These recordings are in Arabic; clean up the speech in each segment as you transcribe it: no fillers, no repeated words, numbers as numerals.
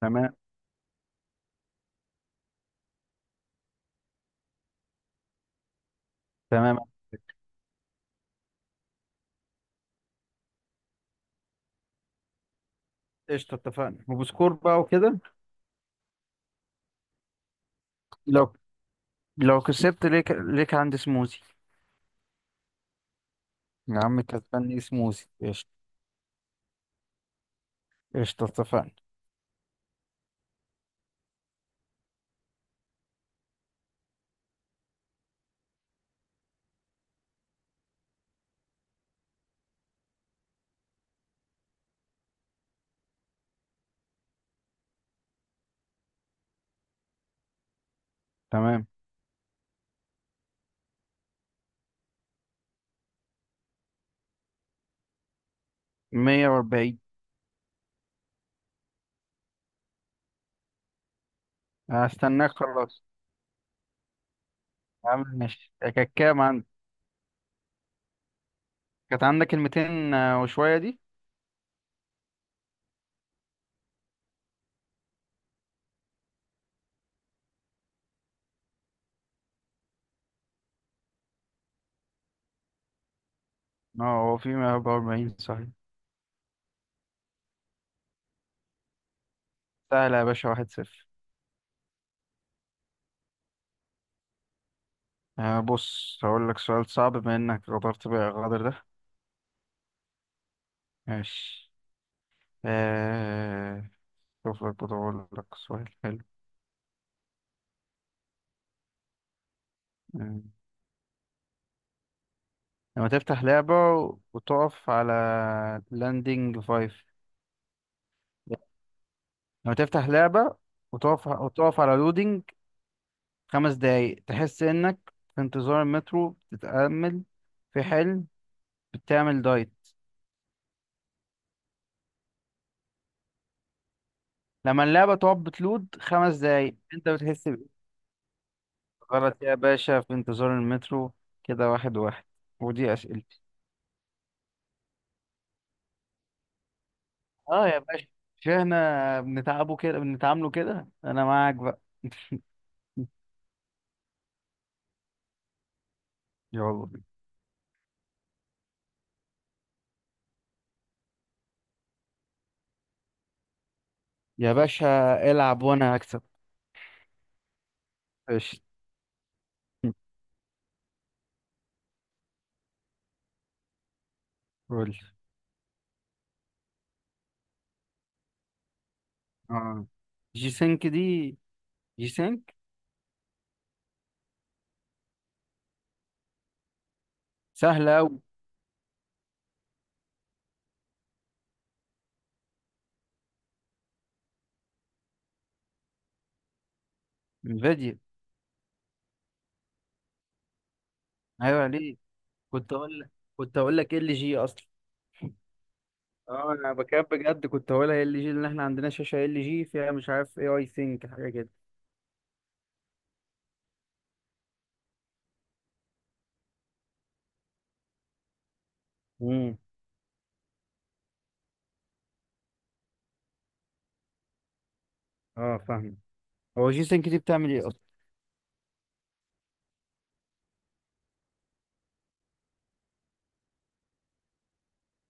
تمام. تمام. قشطة، اتفقنا وبسكور بقى وكده. لو لو كسبت ليك عندي سموزي. يا عم كسبان لي سموزي قشطة. قشطة اتفقنا. تمام. 140. هستناك خلاص. يا عم ماشي، كانت كام عندك؟ كانت عندك الميتين وشوية دي. اه، هو في 140 صحيح. سهلة يا باشا، 1-0. آه بص، هقول لك سؤال صعب بما انك غدرت بقى الغدر ده. ماشي. آه. شوف لك بقول لك سؤال حلو. آه. لما تفتح لعبة وتقف على لاندنج فايف. لما تفتح لعبة وتقف على لودينج 5 دقايق، تحس انك في انتظار المترو، بتتأمل في حلم، بتعمل دايت. لما اللعبة تقف بتلود 5 دقايق انت بتحس بإيه؟ غلط يا باشا، في انتظار المترو. كده واحد واحد. ودي أسئلة. اه يا باشا، مش احنا بنتعبه كده بنتعامله كده، انا معاك بقى يلا يا باشا، العب وانا هكسب. قشطة قول. اه، جي سينك دي. جي سينك. سهلة أوي. انفيديا. أيوة، ليه؟ كنت أقول لك كنت أقول لك ال جي أصلا. اه أنا بكاب بجد، كنت هقولها ال جي لأن إحنا عندنا شاشة ال جي فيها مش عارف اي أي سينك حاجة كده. امم اه فاهم. هو جي سينك دي بتعمل إيه أصلا؟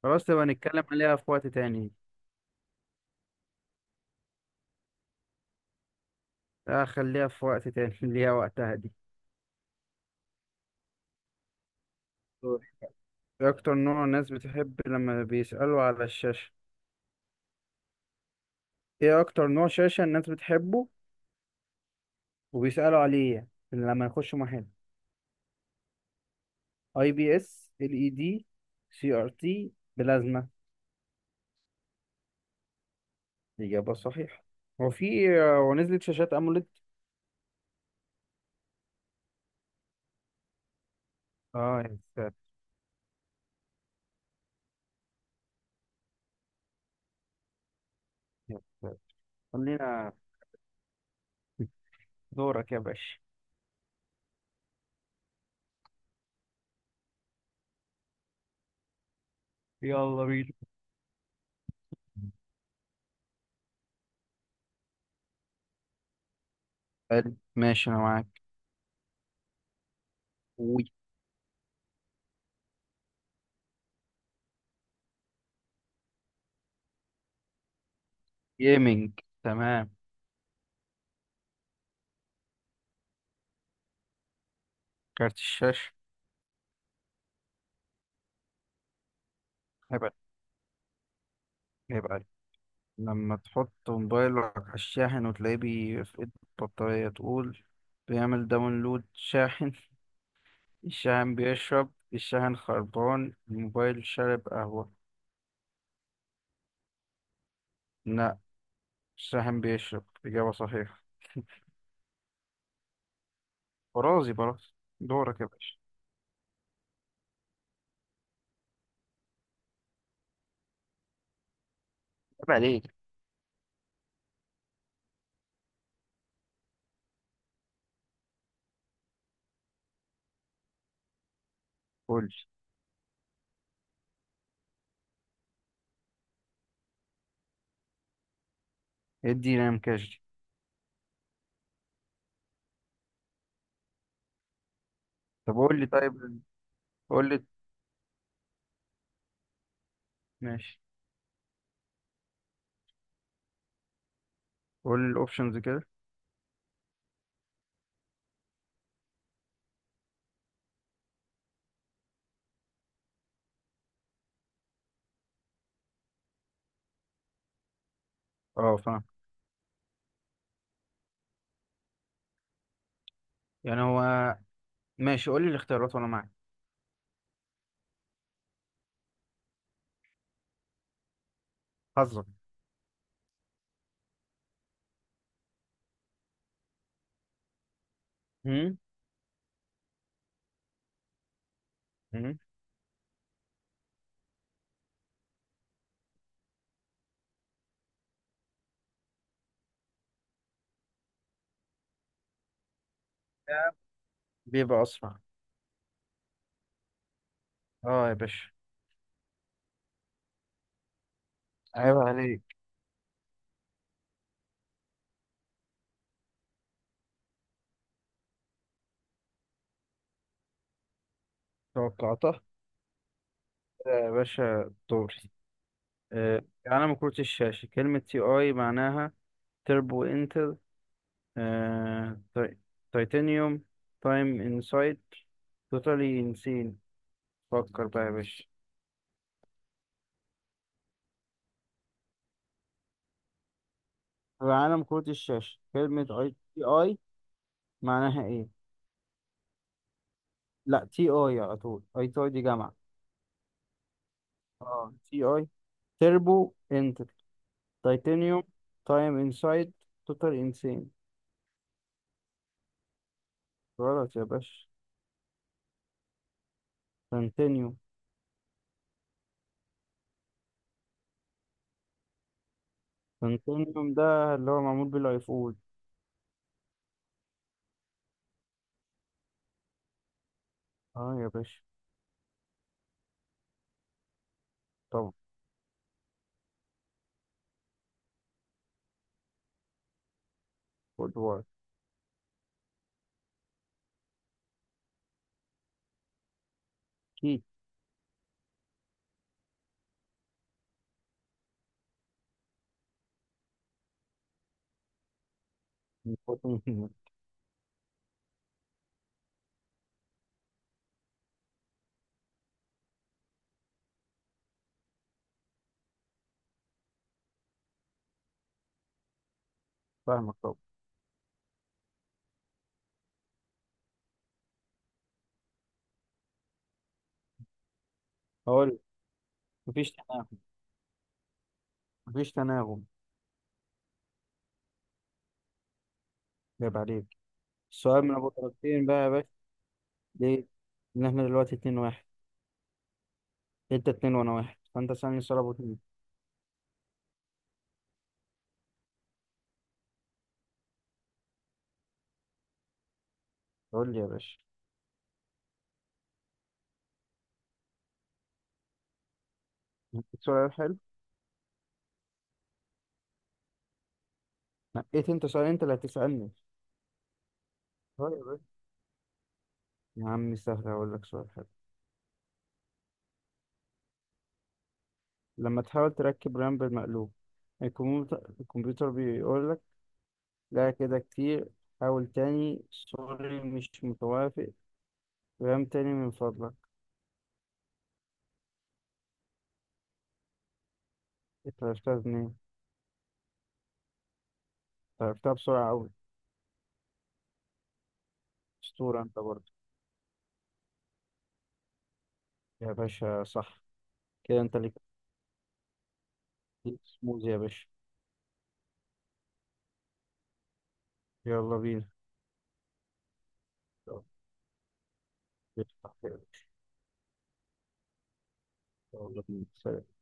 خلاص، تبقى نتكلم عليها في وقت تاني. لا خليها في وقت تاني ليها وقتها دي. دوري. ايه اكتر نوع الناس بتحب لما بيسألوا على الشاشة؟ ايه اكتر نوع شاشة الناس بتحبه وبيسألوا عليه يعني، لما يخشوا محل؟ اي بي اس، ال اي دي، سي ار تي، بلازما. اجابة صحيحة. هو نزلت شاشات اموليد. اه يا ساتر. يا ساتر خلينا دورك يا باشا. يلا بينا. حلو ماشي، انا معاك. وي. جيمنج تمام. كارت الشاشة. هيبقى. هيبقى لما تحط موبايلك على الشاحن وتلاقيه بيفقد البطارية تقول: بيعمل داونلود شاحن، الشاحن بيشرب، الشاحن خربان، الموبايل شارب قهوة. لا، الشاحن بيشرب. إجابة صحيحة. برازي برازي. دورك يا باشا. عيب عليك. قول لي. ادي نام كاش. طب قول لي طيب. قول لي. ماشي، قول لي الاوبشنز كده. اه فاهم. يعني هو. ماشي قول لي الاختيارات وانا معاك. حظك. هم؟ هم؟ بيبقى اسرع. اه يا باشا. عيب عليك. توقعتها. يا باشا دوري. آه، علم كرة الشاشة كلمة تي اي معناها؟ تربو انتل، آه، تي- تيتانيوم، تايم انسايد، توتالي انسين. فكر بقى يا باشا. عالم كرة الشاشة كلمة اي تي اي معناها ايه؟ لا، تي اي على طول، اي تي اي دي جامعة. اه، تي اي. تربو انتل، تيتانيوم، تايم انسايد، توتال انسين. غلط يا باشا. تيتانيوم. تنتينيوم ده اللي هو معمول بيه الايفون. اه يا باشا. طبعا. خد وقت. اكيد خد مني. فاهمك طبعا. هقول. مفيش تناغم. مفيش تناغم. جاب عليك. السؤال من ابو طرفين بقى يا باشا. ليه؟ ان احنا دلوقتي 2-1. انت اتنين وانا واحد، فانت سألني سؤال ابو اتنين. قول لي يا باشا، هديك سؤال حلو. نقيت انت سؤال، انت اللي هتسألني. اه يا باشا. يا عم سهل، هقول لك سؤال حلو. لما تحاول تركب رام بالمقلوب الكمبيوتر بيقول لك: لا كده كتير، حاول تاني، سوري مش متوافق، غام تاني من فضلك. انت عرفتها منين إنت؟ عرفتها بسرعة أوي. أسطورة أنت برضه. يا باشا صح. كده أنت ليك سموز يا باشا. يلا بينا. يلا بينا. يلا بينا. سلام.